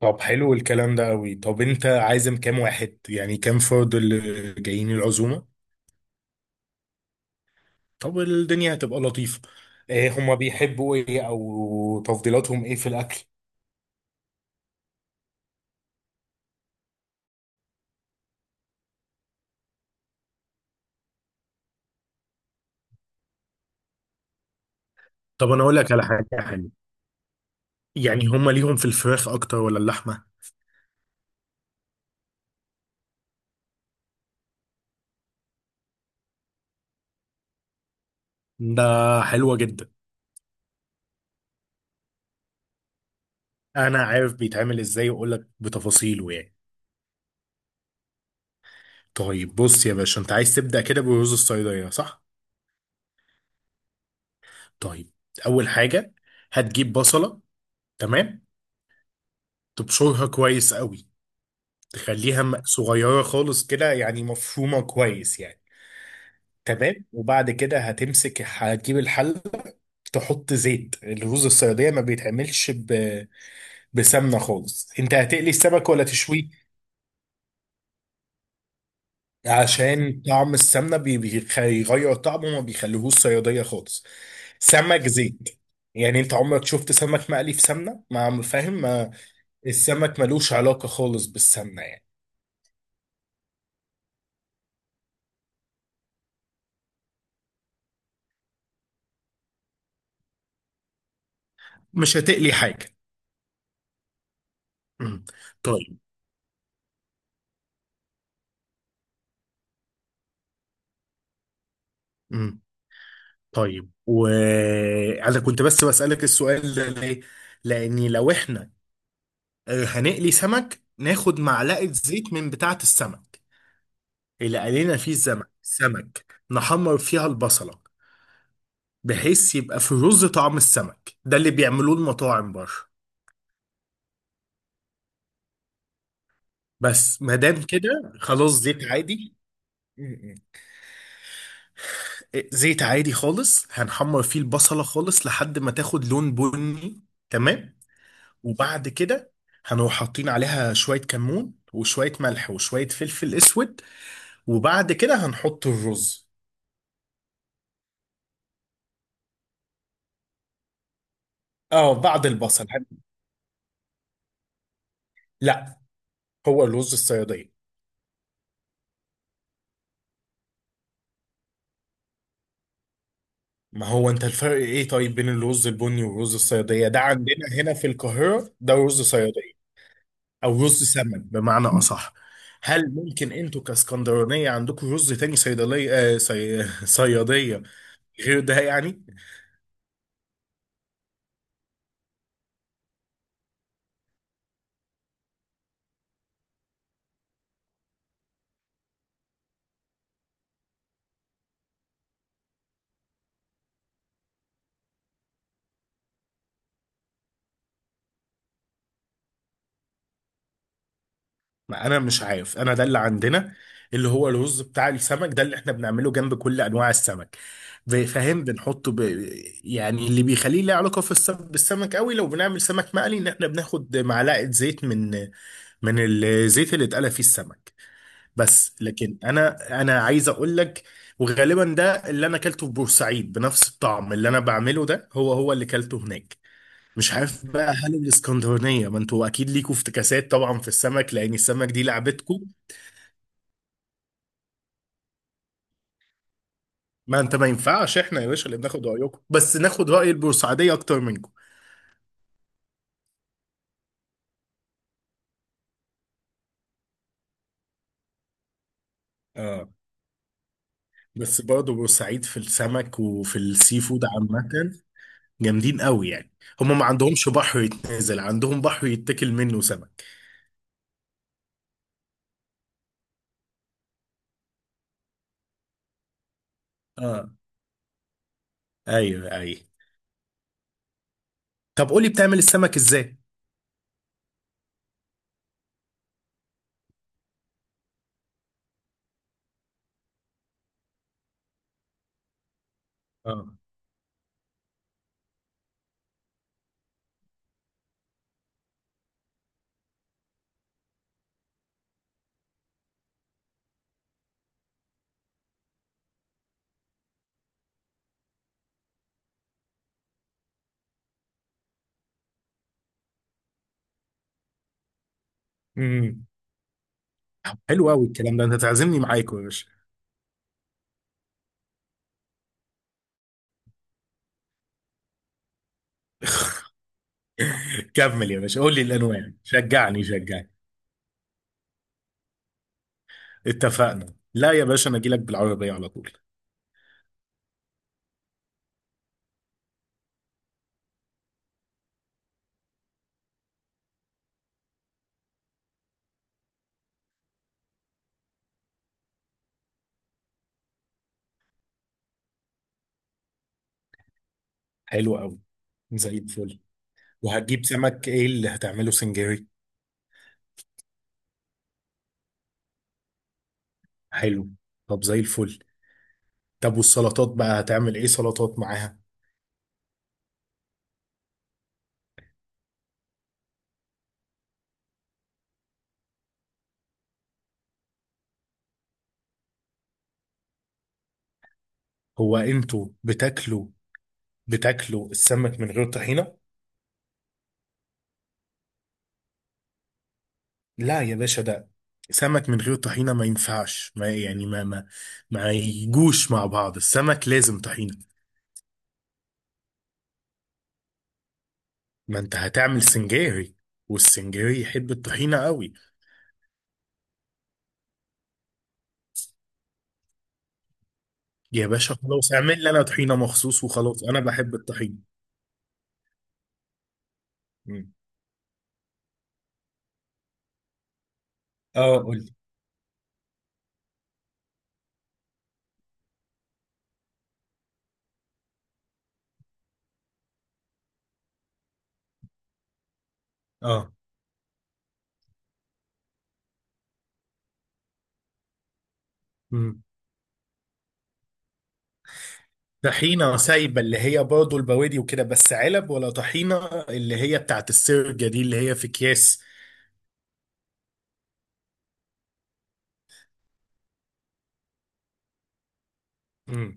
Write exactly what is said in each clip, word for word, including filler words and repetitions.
طب، حلو الكلام ده قوي. طب انت عازم كام واحد؟ يعني كام فرد اللي جايين العزومة؟ طب الدنيا هتبقى لطيفة. ايه هما بيحبوا؟ ايه او تفضيلاتهم ايه في الاكل؟ طب انا اقول لك على حاجة حلوة. يعني هما ليهم في الفراخ اكتر ولا اللحمة؟ ده حلوة جدا. انا عارف بيتعمل ازاي واقول لك بتفاصيله يعني. طيب بص يا باشا، انت عايز تبدأ كده بالرز الصيدلية، صح؟ طيب. اول حاجة هتجيب بصلة، تمام. تبشرها كويس قوي، تخليها م- صغيرة خالص كده، يعني مفرومة كويس يعني، تمام. وبعد كده هتمسك هتجيب الحل. تحط زيت، الرز الصيادية ما بيتعملش ب... بسمنة خالص. انت هتقلي السمك ولا تشويه؟ عشان طعم السمنة بي- بيخ- بيغير طعمه وما بيخليهوش صيادية خالص. سمك زيت، يعني انت عمرك شفت سمك مقلي في سمنة؟ ما فاهم، ما السمك ملوش علاقة خالص بالسمنة يعني. مش هتقلي حاجة. مم. طيب. مم. طيب، وانا كنت بس بسألك السؤال ده ليه؟ لأني لو احنا آه، هنقلي سمك، ناخد معلقة زيت من بتاعة السمك اللي قلينا فيه السمك، سمك، نحمر فيها البصلة، بحيث يبقى في رز طعم السمك، ده اللي بيعملوه المطاعم بره. بس ما دام كده، خلاص زيت عادي. م- م. آه، زيت عادي خالص، هنحمر فيه البصلة خالص لحد ما تاخد لون بني، تمام. وبعد كده هنروح حاطين عليها شوية كمون وشوية ملح وشوية فلفل اسود، وبعد كده هنحط الرز. اه بعد البصل هن- لا، هو الرز الصيادية. ما هو، انت الفرق ايه طيب بين الرز البني والرز الصيادية؟ ده عندنا هنا في القاهرة ده رز صيادية، او رز سمن بمعنى اصح. هل ممكن انتوا كاسكندرانية عندكم رز تاني، صيدلية آه صي... صيادية، غير ده يعني؟ ما انا مش عارف، انا ده اللي عندنا، اللي هو الرز بتاع السمك ده اللي احنا بنعمله جنب كل انواع السمك. ب- فاهم، بنحطه ب... يعني اللي بيخليه له علاقه في السمك، بالسمك قوي لو بنعمل سمك مقلي، ان احنا بناخد معلقه زيت من من الزيت اللي اتقلى فيه السمك. بس لكن انا انا عايز اقول لك، وغالبا ده اللي انا اكلته في بورسعيد بنفس الطعم اللي انا بعمله، ده هو هو اللي اكلته هناك. مش عارف بقى، هل الاسكندرانيه، ما انتوا اكيد ليكوا افتكاسات طبعا في السمك، لان السمك دي لعبتكم. ما انت، ما ينفعش احنا يا باشا اللي بناخد رايكم؟ بس ناخد راي البورسعيديه اكتر منكم. اه، بس برضه بورسعيد في السمك وفي السي فود عامه جامدين قوي يعني. هم ما عندهمش بحر يتنزل، عندهم بحر يتاكل منه سمك. اه، ايوه ايوه. طب قولي، بتعمل السمك ازاي؟ اه. امم حلو قوي الكلام ده، انت تعزمني معاكم يا باشا. كمل يا باشا، قول لي الانواع، شجعني شجعني. اتفقنا. لا يا باشا، انا اجي لك بالعربيه على طول. حلو قوي. زي الفل. وهتجيب سمك ايه اللي هتعمله سنجاري؟ حلو. طب زي الفل. طب والسلطات بقى، هتعمل ايه سلطات معاها؟ هو انتوا بتاكلوا بتاكلوا السمك من غير طحينة؟ لا يا باشا، ده سمك من غير طحينة ما ينفعش، ما يعني، ما ما ما يجوش مع بعض، السمك لازم طحينة. ما انت هتعمل سنجاري، والسنجاري يحب الطحينة قوي. يا باشا خلاص، اعمل لي انا طحينة مخصوص، وخلاص انا بحب الطحينة. مم. اه قول لي. اه. مم. طحينة سايبة، اللي هي برضه البوادي وكده، بس علب ولا طحينة اللي هي بتاعت السرجة دي اللي هي في أكياس؟ امم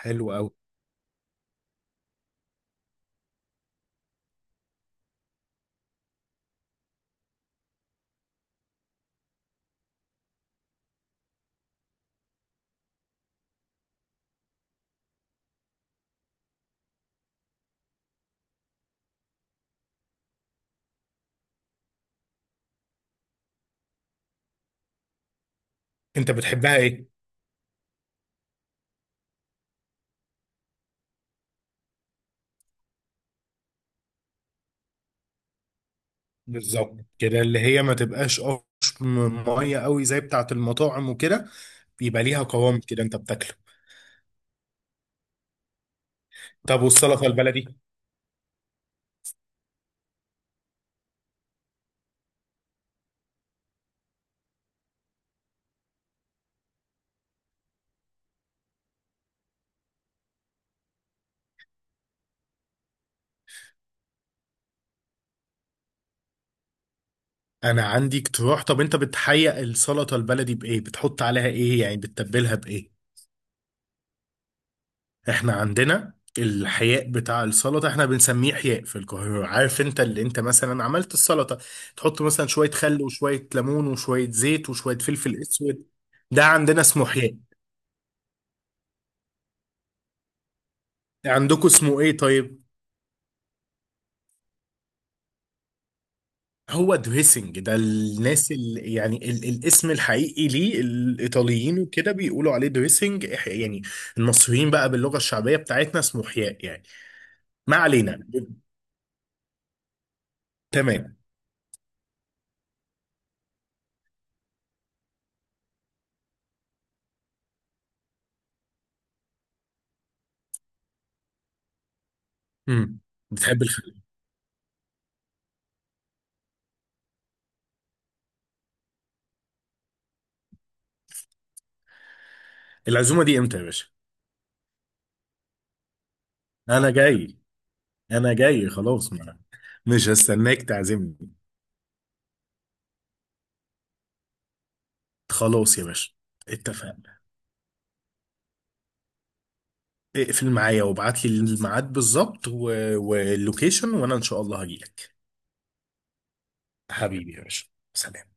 حلو أوي. أنت بتحبها إيه؟ بالظبط كده، اللي هي ما تبقاش قش، م- مية قوي زي بتاعت المطاعم وكده، يبقى ليها قوام كده أنت بتاكله. طب والسلطة البلدي؟ أنا عندي اقتراح. طب أنت بتحيق السلطة البلدي بإيه؟ بتحط عليها إيه؟ يعني بتتبلها بإيه؟ احنا عندنا الحياء بتاع السلطة، احنا بنسميه حياء في القاهرة، عارف؟ انت اللي انت مثلا عملت السلطة، تحط مثلا شوية خل وشوية ليمون وشوية زيت وشوية فلفل اسود، ده عندنا اسمه حياء. عندكم اسمه ايه طيب؟ هو دريسنج ده، الناس اللي يعني، ال الاسم الحقيقي ليه الايطاليين وكده، بيقولوا عليه دريسنج إح- يعني. المصريين بقى باللغة الشعبية بتاعتنا اسمه حياء يعني. ما علينا. تمام. امم بتحب الخل؟ العزومة دي امتى يا باشا؟ انا جاي انا جاي خلاص ما. مش هستناك تعزمني. خلاص يا باشا، اتفقنا، اقفل معايا وابعت لي الميعاد بالظبط و... واللوكيشن، وانا ان شاء الله هجيلك. حبيبي يا باشا، سلام.